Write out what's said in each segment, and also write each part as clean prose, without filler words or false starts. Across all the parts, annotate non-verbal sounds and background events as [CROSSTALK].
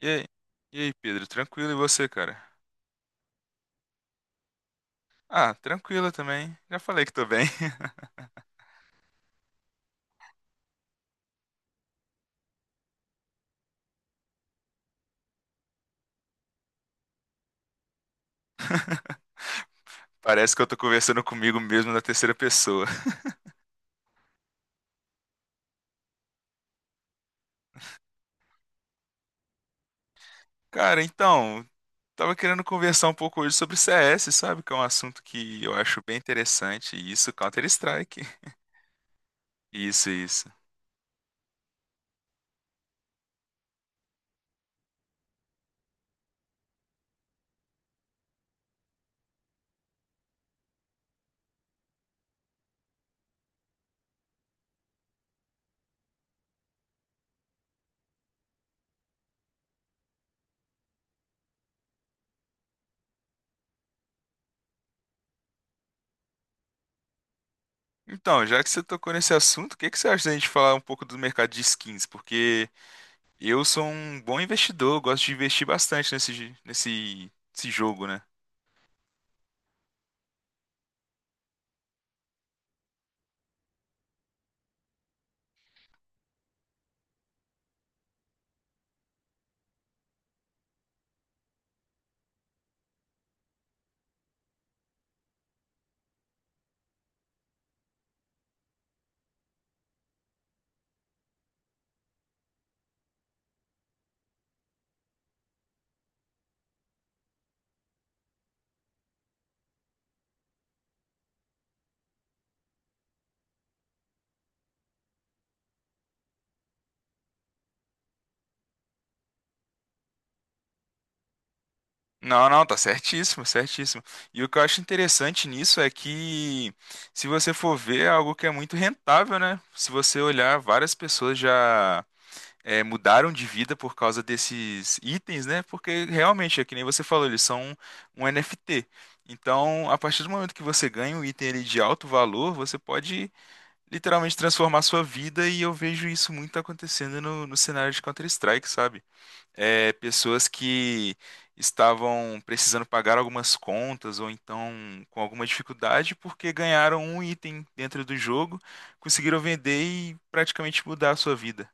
E aí, e aí, Pedro, tranquilo e você, cara? Ah, tranquilo também. Já falei que tô bem. [LAUGHS] Parece que eu tô conversando comigo mesmo na terceira pessoa. Cara, então, tava querendo conversar um pouco hoje sobre CS, sabe? Que é um assunto que eu acho bem interessante. Isso, Counter-Strike. Isso, isso. Então, já que você tocou nesse assunto, o que que você acha da gente falar um pouco do mercado de skins? Porque eu sou um bom investidor, eu gosto de investir bastante nesse jogo, né? Não, não, tá certíssimo, certíssimo. E o que eu acho interessante nisso é que, se você for ver, é algo que é muito rentável, né? Se você olhar, várias pessoas já mudaram de vida por causa desses itens, né? Porque realmente, é que nem você falou, eles são um NFT. Então, a partir do momento que você ganha um item ali de alto valor, você pode literalmente transformar sua vida, e eu vejo isso muito acontecendo no cenário de Counter-Strike, sabe? Pessoas que estavam precisando pagar algumas contas ou então com alguma dificuldade porque ganharam um item dentro do jogo, conseguiram vender e praticamente mudar a sua vida.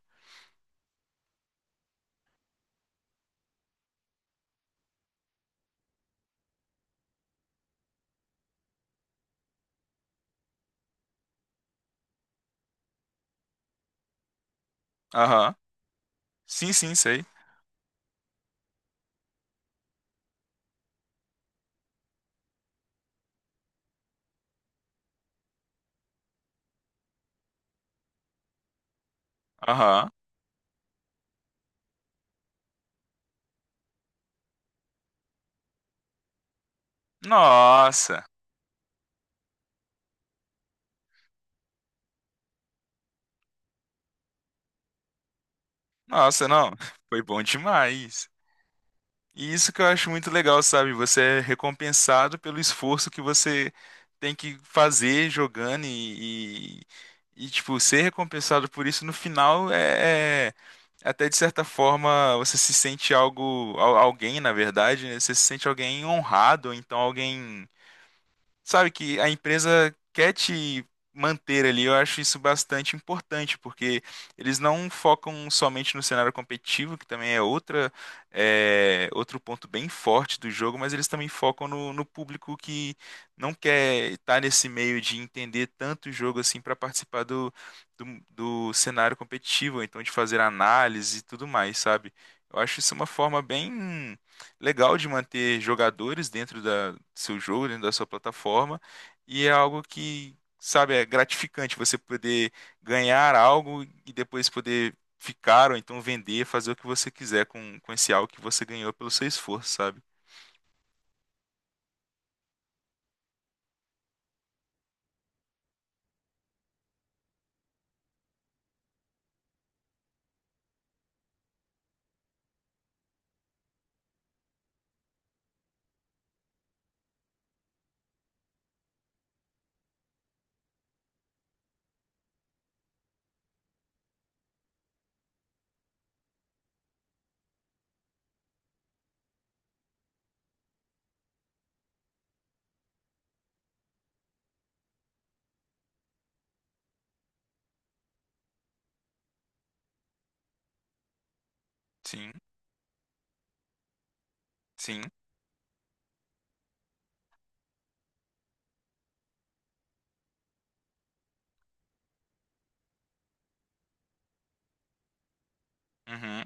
Aham. Sim, sim, sei. Aham. Nossa. Nossa, não. [LAUGHS] Foi bom demais. E isso que eu acho muito legal, sabe? Você é recompensado pelo esforço que você tem que fazer jogando e, tipo, ser recompensado por isso no final até de certa forma você se sente algo, alguém, na verdade, né? Você se sente alguém honrado, ou então alguém sabe, que a empresa quer te manter ali. Eu acho isso bastante importante, porque eles não focam somente no cenário competitivo, que também é outra, outro ponto bem forte do jogo, mas eles também focam no público que não quer estar nesse meio de entender tanto o jogo assim para participar do, do cenário competitivo, ou então de fazer análise e tudo mais, sabe? Eu acho isso uma forma bem legal de manter jogadores dentro da, do seu jogo, dentro da sua plataforma, e é algo que, sabe, é gratificante você poder ganhar algo e depois poder ficar ou então vender, fazer o que você quiser com esse algo que você ganhou pelo seu esforço, sabe? Sim, sim. Uhum,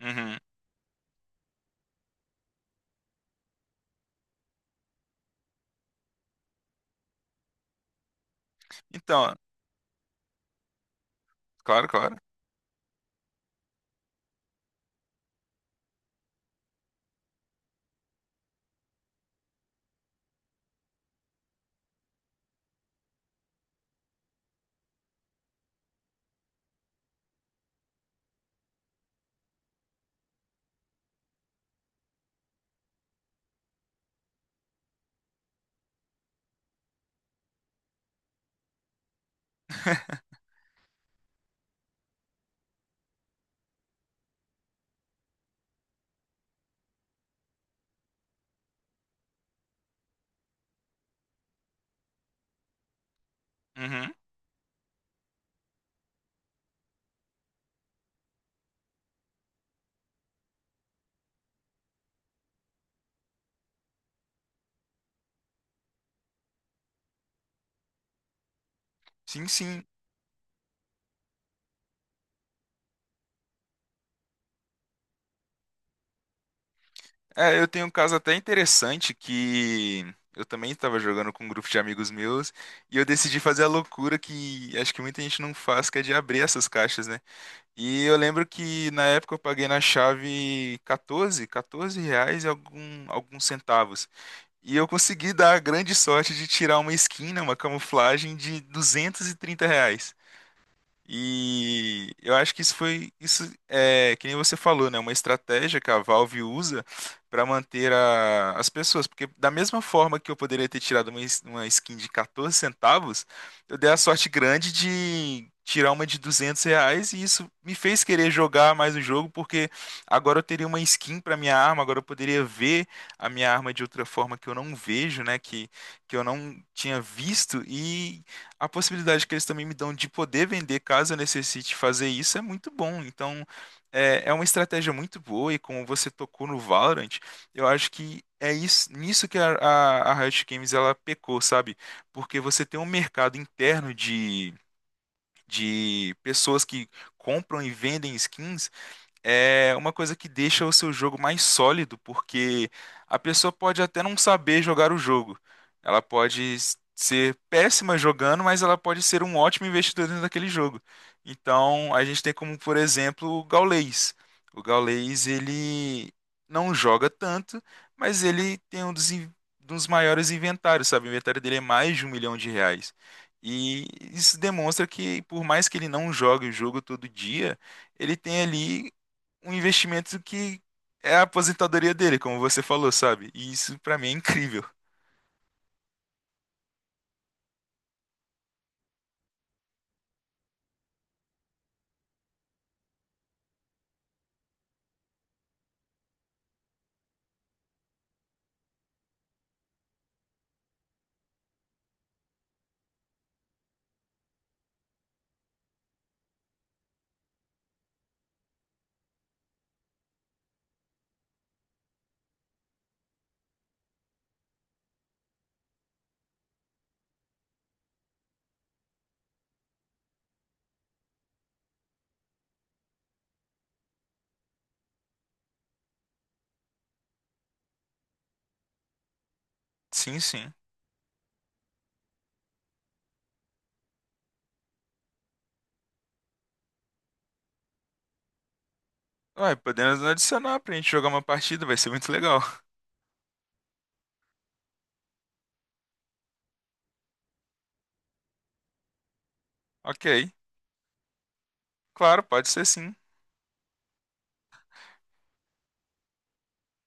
uhum. Então, claro, claro. [LAUGHS] Uhum. Sim, sim. É, eu tenho um caso até interessante que eu também estava jogando com um grupo de amigos meus e eu decidi fazer a loucura que acho que muita gente não faz, que é de abrir essas caixas, né? E eu lembro que na época eu paguei na chave 14 reais e alguns centavos. E eu consegui dar a grande sorte de tirar uma skin, né, uma camuflagem de R$ 230. E eu acho que isso foi, isso é, que nem você falou, né? Uma estratégia que a Valve usa para manter as pessoas. Porque da mesma forma que eu poderia ter tirado uma, uma skin de 14 centavos, eu dei a sorte grande de tirar uma de R$ 200 e isso me fez querer jogar mais o jogo, porque agora eu teria uma skin para minha arma, agora eu poderia ver a minha arma de outra forma que eu não vejo, né? Que eu não tinha visto e a possibilidade que eles também me dão de poder vender caso eu necessite fazer isso é muito bom. Então, é, é uma estratégia muito boa e como você tocou no Valorant, eu acho que é isso, nisso que a Riot Games ela pecou, sabe? Porque você tem um mercado interno de pessoas que compram e vendem skins é uma coisa que deixa o seu jogo mais sólido, porque a pessoa pode até não saber jogar o jogo. Ela pode ser péssima jogando, mas ela pode ser um ótimo investidor dentro daquele jogo. Então, a gente tem como, por exemplo, o Gaules. O Gaules, ele não joga tanto, mas ele tem um dos, dos maiores inventários, sabe? O inventário dele é mais de R$ 1 milhão. E isso demonstra que, por mais que ele não jogue o jogo todo dia, ele tem ali um investimento que é a aposentadoria dele, como você falou, sabe? E isso pra mim é incrível. Sim, sim. Ué, podemos adicionar pra gente jogar uma partida, vai ser muito legal. [LAUGHS] Ok. Claro, pode ser sim.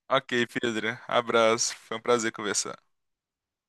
Ok, Pedro. Abraço. Foi um prazer conversar.